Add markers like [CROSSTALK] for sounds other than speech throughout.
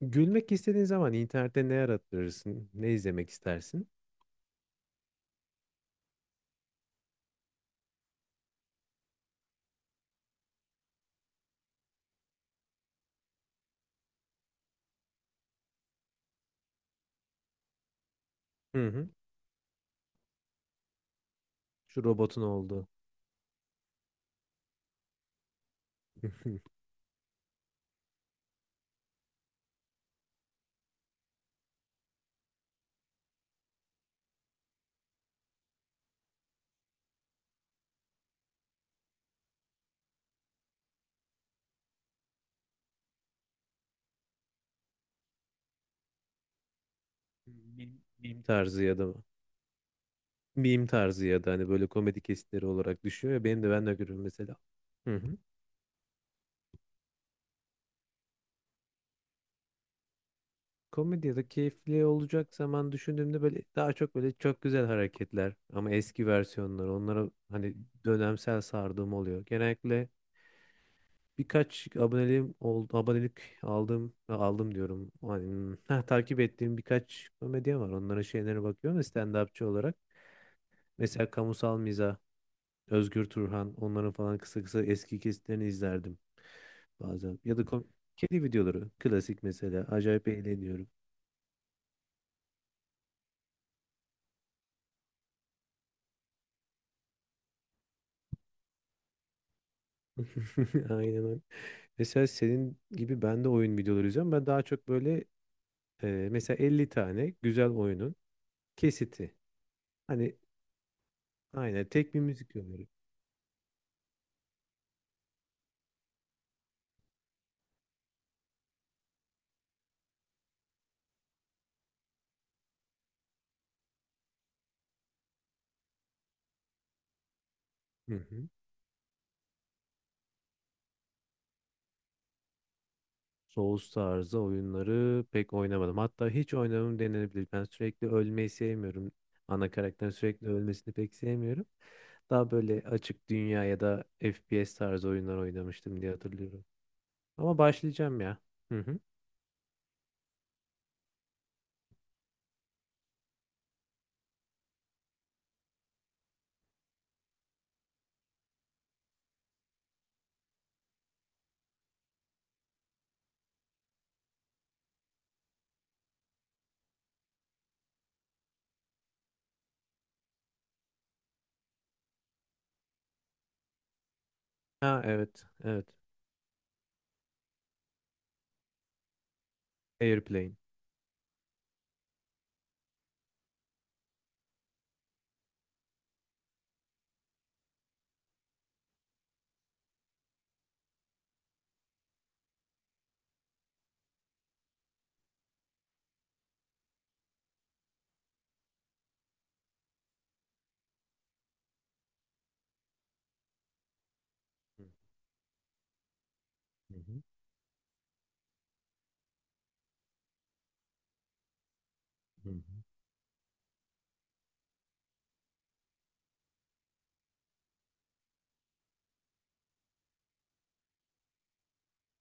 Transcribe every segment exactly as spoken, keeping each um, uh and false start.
Gülmek istediğin zaman internette ne arattırırsın? Ne izlemek istersin? Hı hı. Şu robotun olduğu. [LAUGHS] Meme meme tarzı ya da meme tarzı ya da hani böyle komedi kesitleri olarak düşüyor ya benim de ben de görüyorum mesela. Hı hı. Komedi ya da keyifli olacak zaman düşündüğümde böyle daha çok böyle çok güzel hareketler ama eski versiyonları onlara hani dönemsel sardığım oluyor. Genellikle birkaç aboneliğim oldu, abonelik aldım aldım diyorum. Hani, ha, takip ettiğim birkaç komedyen var. Onların şeylerine bakıyorum da stand-upçı olarak. Mesela Kamusal Mizah, Özgür Turhan onların falan kısa kısa eski kesitlerini izlerdim bazen. Ya da kom- kedi videoları klasik mesela acayip eğleniyorum. [LAUGHS] Aynen öyle. Mesela senin gibi ben de oyun videoları izliyorum. Ben daha çok böyle e, mesela elli tane güzel oyunun kesiti. Hani aynen tek bir müzik yolları. Hı hı. Souls tarzı oyunları pek oynamadım. Hatta hiç oynamam denilebilir. Ben sürekli ölmeyi sevmiyorum. Ana karakterin sürekli ölmesini pek sevmiyorum. Daha böyle açık dünya ya da F P S tarzı oyunlar oynamıştım diye hatırlıyorum. Ama başlayacağım ya. Hı hı. Ha, evet, evet. Airplane. Hı hı. Hı hı.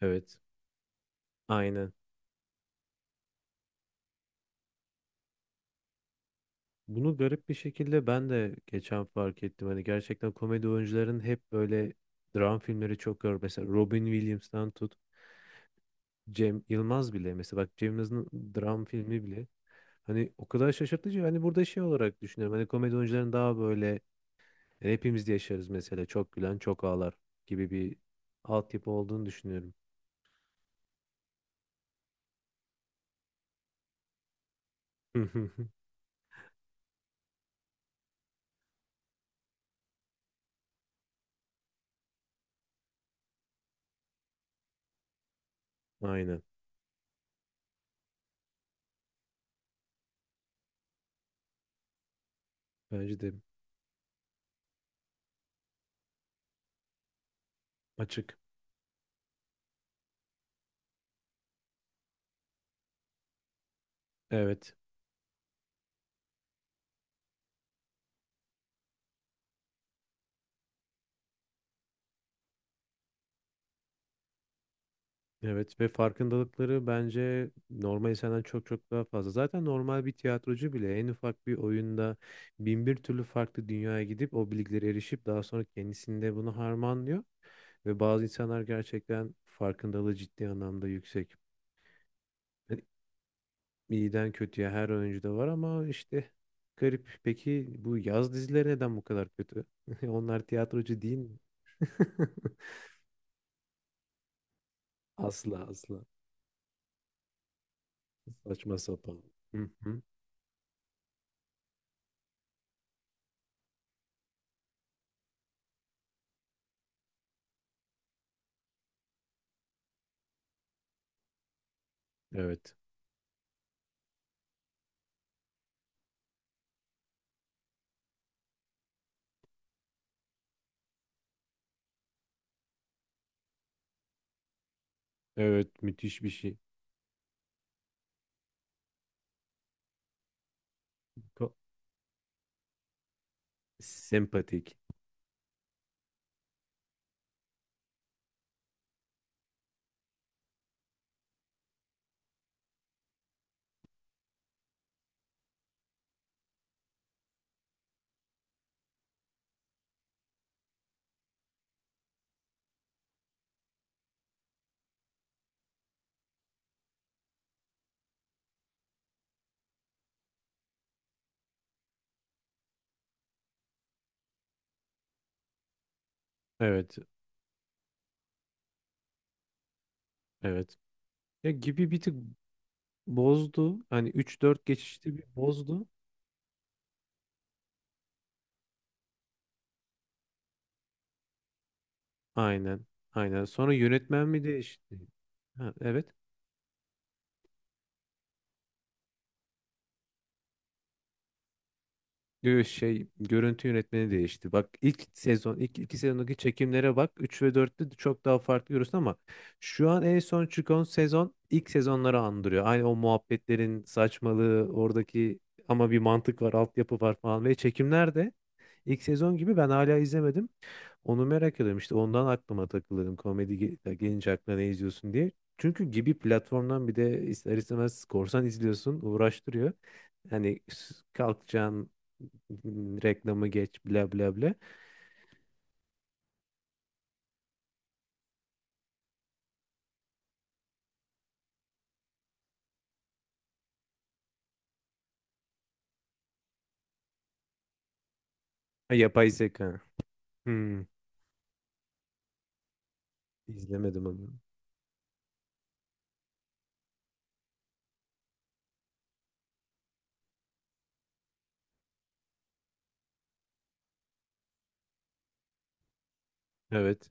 Evet. Aynen. Bunu garip bir şekilde ben de geçen fark ettim. Hani gerçekten komedi oyuncuların hep böyle dram filmleri çok gör. Mesela Robin Williams'tan tut. Cem Yılmaz bile mesela bak Cem Yılmaz'ın dram filmi bile hani o kadar şaşırtıcı hani burada şey olarak düşünüyorum hani komedi oyuncuların daha böyle yani hepimiz de yaşarız mesela çok gülen çok ağlar gibi bir altyapı olduğunu düşünüyorum. [LAUGHS] Aynen bence de açık. Evet Evet ve farkındalıkları bence normal insandan çok çok daha fazla. Zaten normal bir tiyatrocu bile en ufak bir oyunda bin bir türlü farklı dünyaya gidip o bilgilere erişip daha sonra kendisinde bunu harmanlıyor. Ve bazı insanlar gerçekten farkındalığı ciddi anlamda yüksek. Yani İyiden kötüye her oyuncuda var ama işte garip. Peki bu yaz dizileri neden bu kadar kötü? [LAUGHS] Onlar tiyatrocu değil mi? [LAUGHS] Asla asla. Saçma sapan. Hı hı. Evet. Evet müthiş bir şey. Ko- Sempatik. Evet, evet. Ya gibi bir tık bozdu. Hani üç dört geçişte bir bozdu. Aynen, aynen. Sonra yönetmen mi değişti? Ha, evet. Yo, şey, görüntü yönetmeni değişti. Bak ilk sezon, ilk iki sezondaki çekimlere bak. Üç ve dörtte de çok daha farklı görürsün ama şu an en son çıkan sezon ilk sezonları andırıyor. Aynı o muhabbetlerin saçmalığı, oradaki ama bir mantık var, altyapı var falan ve çekimler de ilk sezon gibi ben hala izlemedim. Onu merak ediyorum işte ondan aklıma takılırım komedi ge- gelince aklına ne izliyorsun diye. Çünkü gibi platformdan bir de ister istemez korsan izliyorsun uğraştırıyor. Hani s- kalkacaksın, m, reklamı geç bla bla bla. Ha, yapay zeka. Hmm, izlemedim onu. Evet.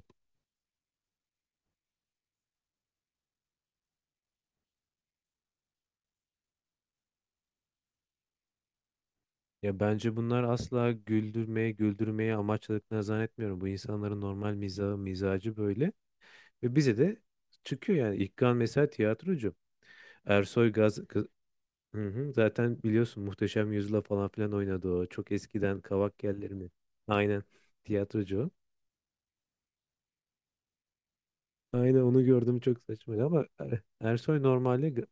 Ya bence bunlar asla güldürmeye, güldürmeye amaçladıklarını zannetmiyorum. Bu insanların normal mizahı, mizacı böyle. Ve bize de çıkıyor yani. İlkan mesela tiyatrocu. Ersoy Gaz. Hı hı. Zaten biliyorsun Muhteşem Yüzyıl'a falan filan oynadı o. Çok eskiden Kavak Yelleri mi? Aynen. Tiyatrocu o. Aynen onu gördüm çok saçmaydı ama Er- Ersoy normalde... g-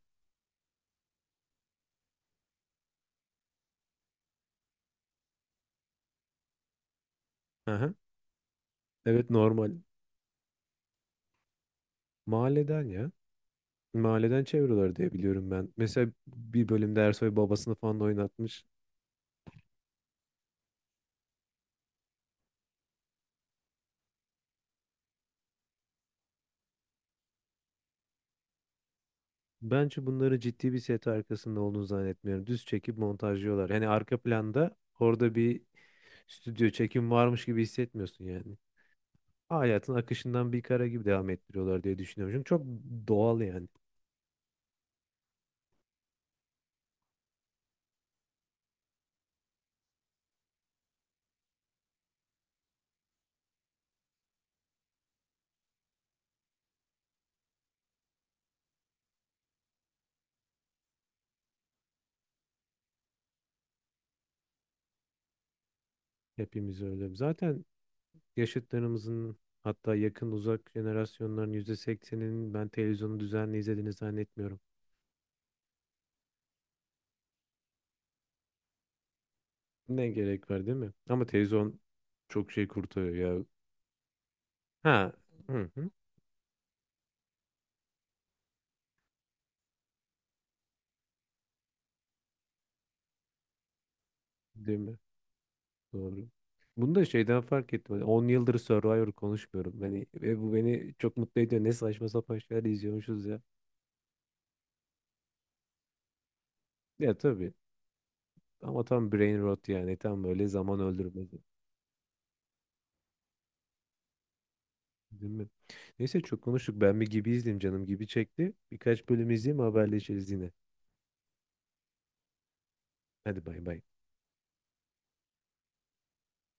Aha. Evet normal. Mahalleden ya. Mahalleden çeviriyorlar diye biliyorum ben. Mesela bir bölümde Ersoy babasını falan da oynatmış. Bence bunları ciddi bir set arkasında olduğunu zannetmiyorum. Düz çekip montajlıyorlar. Yani arka planda orada bir stüdyo çekim varmış gibi hissetmiyorsun yani. Hayatın akışından bir kara gibi devam ettiriyorlar diye düşünüyorum. Çünkü çok doğal yani. Hepimiz öyle. Zaten yaşıtlarımızın hatta yakın uzak jenerasyonların yüzde sekseninin ben televizyonu düzenli izlediğini zannetmiyorum. Ne gerek var değil mi? Ama televizyon çok şey kurtarıyor ya. Ha. Hı hı. Değil mi? Doğru. Bunu da şeyden fark ettim. Hani on yıldır Survivor konuşmuyorum. Hani, ve bu beni çok mutlu ediyor. Ne saçma sapan şeyler izliyormuşuz ya. Ya tabii. Ama tam brain rot yani. Tam böyle zaman öldürme. Değil mi? Neyse çok konuştuk. Ben bir gibi izleyeyim canım gibi çekti. Birkaç bölüm izleyeyim haberleşiriz yine. Hadi bay bay.